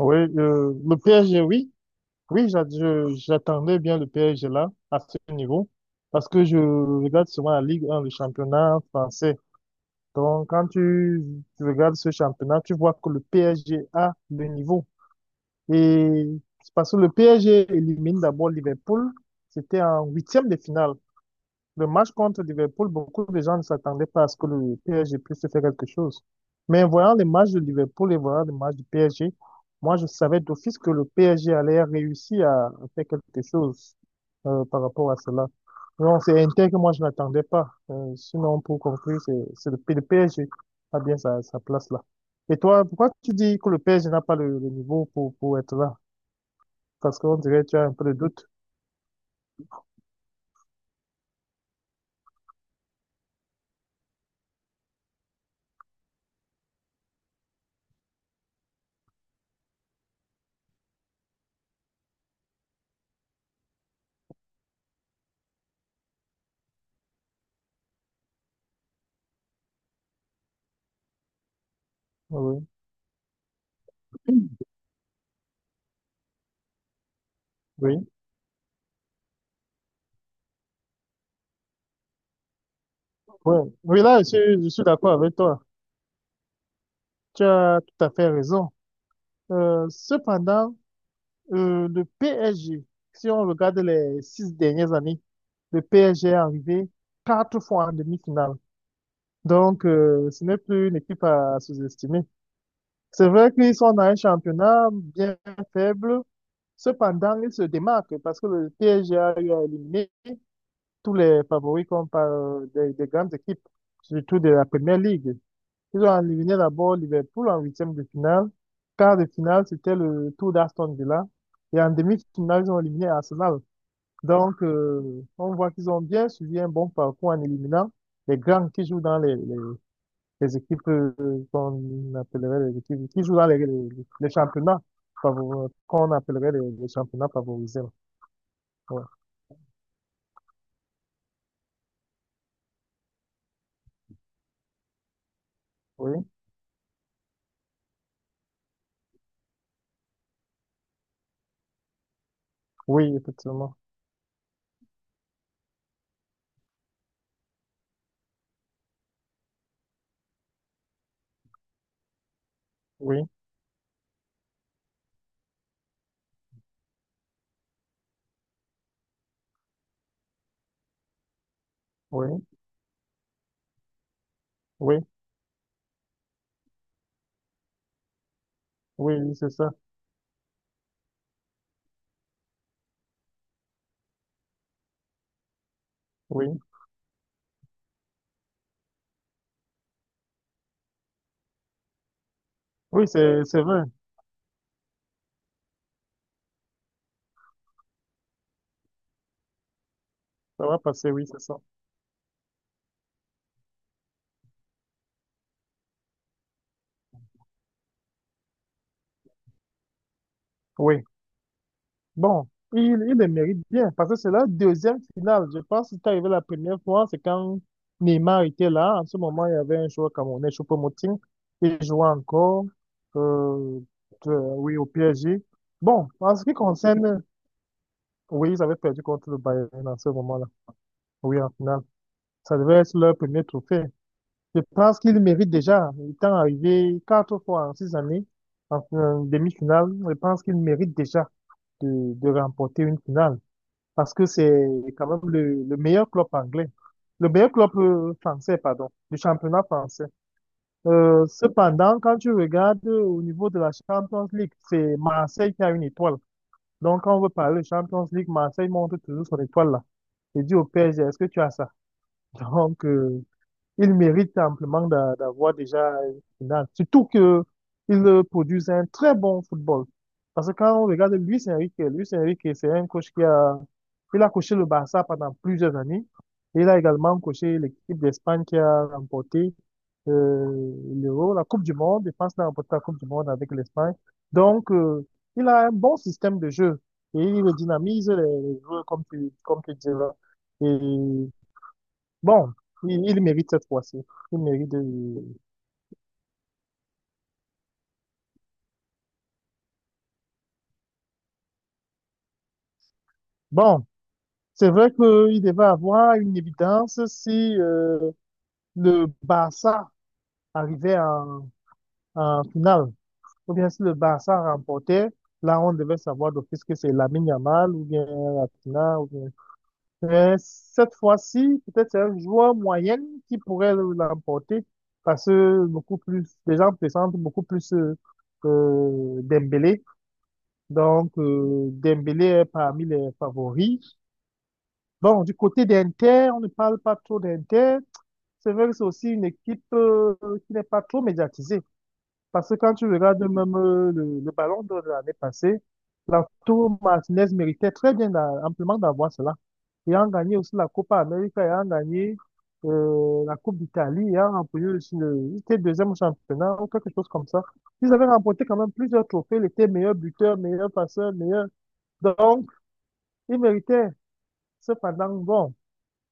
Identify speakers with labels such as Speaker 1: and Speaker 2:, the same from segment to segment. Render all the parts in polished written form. Speaker 1: Oui, le PSG, oui. Oui, j'attendais bien le PSG là, à ce niveau, parce que je regarde souvent la Ligue 1, le championnat français. Donc, quand tu regardes ce championnat, tu vois que le PSG a le niveau. Et c'est parce que le PSG élimine d'abord Liverpool, c'était en huitième de finale. Le match contre Liverpool, beaucoup de gens ne s'attendaient pas à ce que le PSG puisse faire quelque chose. Mais en voyant les matchs de Liverpool et voyant les matchs du PSG, moi, je savais d'office que le PSG allait réussir à faire quelque chose par rapport à cela. Donc, c'est Inter que moi, je n'attendais pas. Sinon, pour conclure, c'est le PSG a bien sa place là. Et toi, pourquoi tu dis que le PSG n'a pas le niveau pour être là? Parce qu'on dirait que tu as un peu de doute. Oui, oui, oui, ouais. Oui, là, je suis d'accord avec toi. Tu as tout à fait raison. Cependant, le PSG, si on regarde les 6 dernières années, le PSG est arrivé quatre fois en demi-finale. Donc, ce n'est plus une équipe à sous-estimer. C'est vrai qu'ils sont dans un championnat bien faible. Cependant, ils se démarquent parce que le PSG a eu à éliminer tous les favoris comme par des grandes équipes, surtout de la Première Ligue. Ils ont éliminé d'abord Liverpool en huitième de finale. Quart de finale, c'était le tour d'Aston Villa. Et en demi-finale, ils ont éliminé Arsenal. Donc, on voit qu'ils ont bien suivi un bon parcours en éliminant les grands qui jouent dans les équipes, qu'on appellerait les équipes qui jouent dans les championnats qu'on appellerait les championnats favorisés. Ouais. Oui, oui, effectivement. Oui, oui, oui, oui, oui, c'est ça. Oui, oui, c'est vrai. Ça va passer, oui, c'est ça. Oui. Bon, il, il le mérite bien parce que c'est la deuxième finale. Je pense que c'est arrivé la première fois, c'est quand Neymar était là. En ce moment, il y avait un joueur camerounais, Choupo-Moting. Il jouait encore, euh, oui, au PSG. Bon, en ce qui concerne, oui, ils avaient perdu contre le Bayern en ce moment-là. Oui, en finale. Ça devait être leur premier trophée. Je pense qu'il mérite déjà, étant arrivé quatre fois en 6 années en demi-finale, je pense qu'il mérite déjà de remporter une finale parce que c'est quand même le meilleur club anglais, le meilleur club français, pardon, du championnat français. Cependant, quand tu regardes au niveau de la Champions League, c'est Marseille qui a une étoile. Donc, quand on veut parler de Champions League, Marseille montre toujours son étoile là. Et dit au PSG, est-ce que tu as ça? Donc, il mérite amplement d'avoir déjà une finale. Surtout que il produit un très bon football. Parce que quand on regarde Luis Enrique, Luis Enrique, c'est un coach il a coaché le Barça pendant plusieurs années. Et il a également coaché l'équipe d'Espagne qui a remporté, l'Euro, la Coupe du Monde. Je pense qu'il a remporté la Coupe du Monde avec l'Espagne. Donc, il a un bon système de jeu et il dynamise les joueurs, comme tu dis là. Et bon, il mérite cette fois-ci. Il mérite de... Bon, c'est vrai qu'il devait avoir une évidence si, le Barça arrivait en finale. Ou bien si le Barça remportait, là on devait savoir d'office que c'est Lamine Yamal ou bien Rafinha. Ou bien... Mais cette fois-ci, peut-être c'est un joueur moyen qui pourrait l'emporter parce que beaucoup plus, les gens pressentent beaucoup plus, Dembélé. Donc, Dembélé est parmi les favoris. Bon, du côté d'Inter, on ne parle pas trop d'Inter. C'est vrai que c'est aussi une équipe qui n'est pas trop médiatisée. Parce que quand tu regardes même, le ballon d'or de l'année passée, Lautaro Martinez méritait très bien amplement d'avoir cela. Ayant gagné aussi la Copa América, ayant gagné, la Coupe d'Italie, ayant remporté aussi il était deuxième au championnat ou quelque chose comme ça. Ils avaient remporté quand même plusieurs trophées. Il était meilleur buteur, meilleur passeur, meilleur. Donc, il méritait. Cependant, bon,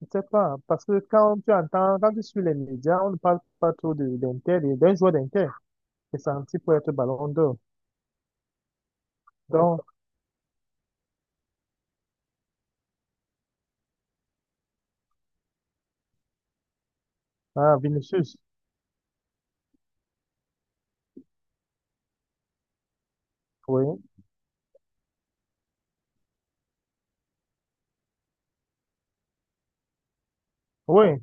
Speaker 1: je ne sais pas, parce que quand tu entends, quand tu suis les médias, on ne parle pas trop d'Inter, de d'un joueur d'Inter qui est senti pour être ballon d'or. Donc, ah, Vinicius, oui, oui,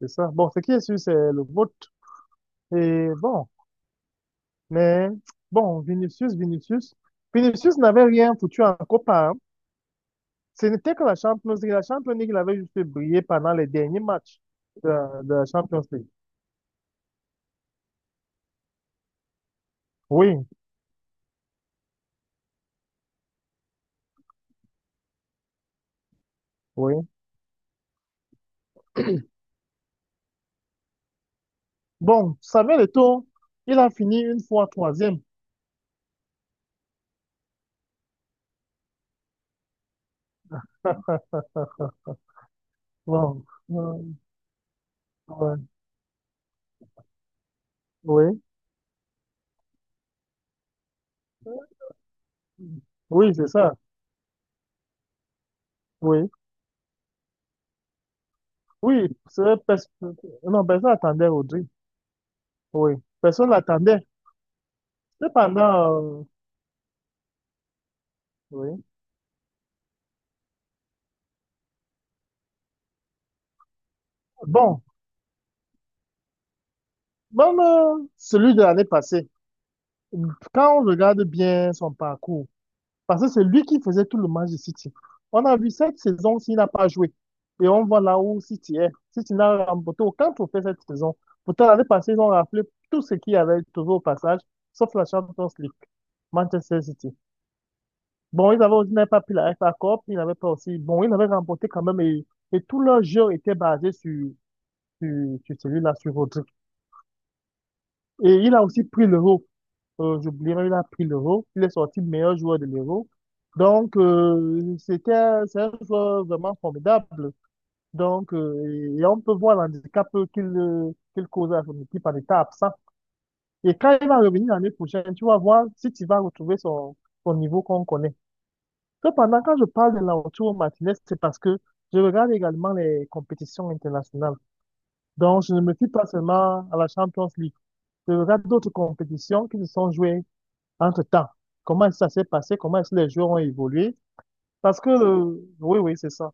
Speaker 1: c'est ça. Bon, ce qui est sûr, c'est le vote. Et bon, mais bon, Vinicius n'avait rien foutu en Copa, hein. Ce n'était que la Champions League. La Champions League, il avait juste brillé pendant les derniers matchs de, de la Champions League. Oui, oui. Bon, Samuel Eto'o, il a fini une fois troisième. Bon, euh, ouais, oui, oui, c'est ça. Oui, oui, non, personne attendait Audrey. Oui, personne l'attendait. Cependant, oui. Bon, même, celui de l'année passée, quand on regarde bien son parcours. Parce que c'est lui qui faisait tout le match de City. On a vu cette saison s'il n'a pas joué. Et on voit là où City est. City n'a remporté aucun trophée cette saison. Pourtant, l'année passée, ils ont rappelé tout ce qu'il y avait toujours au passage, sauf la Champions League, Manchester City. Bon, ils avaient aussi n'avaient pas pris la FA Cup, ils n'avaient pas aussi. Bon, ils avaient remporté quand même, et tout leur jeu était basé sur, sur celui-là, sur Rodri. Et il a aussi pris l'euro. J'oubliais même, il a pris l'Euro. Il est sorti meilleur joueur de l'Euro. Donc, c'est un joueur vraiment formidable. Donc, et on peut voir l'handicap qu'il cause à son équipe en état absent. Et quand il va revenir l'année prochaine, tu vas voir si tu vas retrouver son niveau qu'on connaît. Cependant, quand je parle de Lautaro Martinez, c'est parce que je regarde également les compétitions internationales. Donc, je ne me fie pas seulement à la Champions League. Je regarde d'autres compétitions qui se sont jouées entre-temps. Comment ça s'est passé? Comment est-ce que les joueurs ont évolué? Parce que, oui, oui, c'est ça.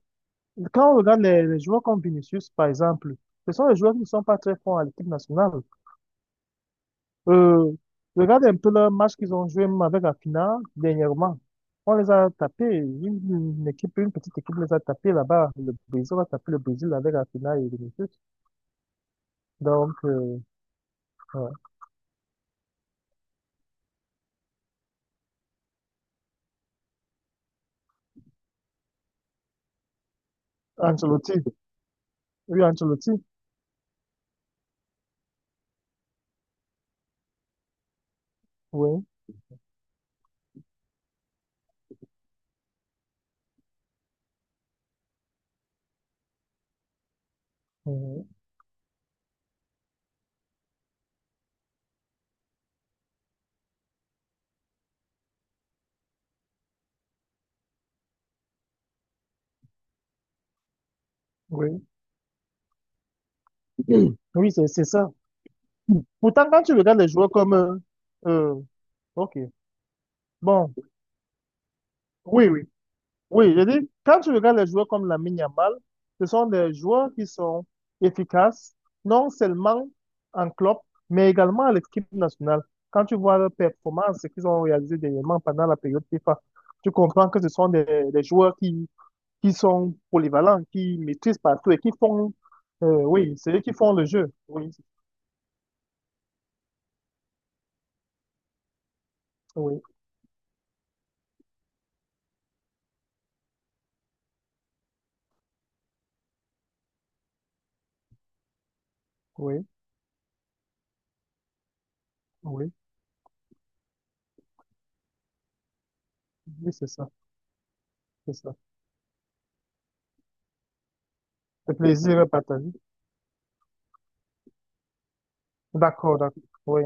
Speaker 1: Quand on regarde les joueurs comme Vinicius, par exemple, ce sont les joueurs qui ne sont pas très forts à l'équipe nationale. Euh, Regarde un peu le match qu'ils ont joué même avec la finale dernièrement. On les a tapés. Une petite équipe les a tapés là-bas. Le Brésil a tapé le Brésil avec la finale et Vinicius. Donc, ouais. Ancelotti. Oui, Ancelotti. Oui. Mhm. Oui. Oui, c'est ça. Pourtant, quand tu regardes les joueurs comme... euh, ok, bon, oui, oui, oui, je dis, quand tu regardes les joueurs comme Lamine Yamal, ce sont des joueurs qui sont efficaces, non seulement en club, mais également à l'équipe nationale. Quand tu vois leurs performances, ce qu'ils ont réalisé dernièrement pendant la période FIFA, tu comprends que ce sont des joueurs qui sont polyvalents, qui maîtrisent partout et qui font... oui, c'est eux qui font le jeu. Oui, oui, oui, oui, oui, c'est ça, c'est ça. Le plaisir est partagé. D'accord, d'accord. Oui.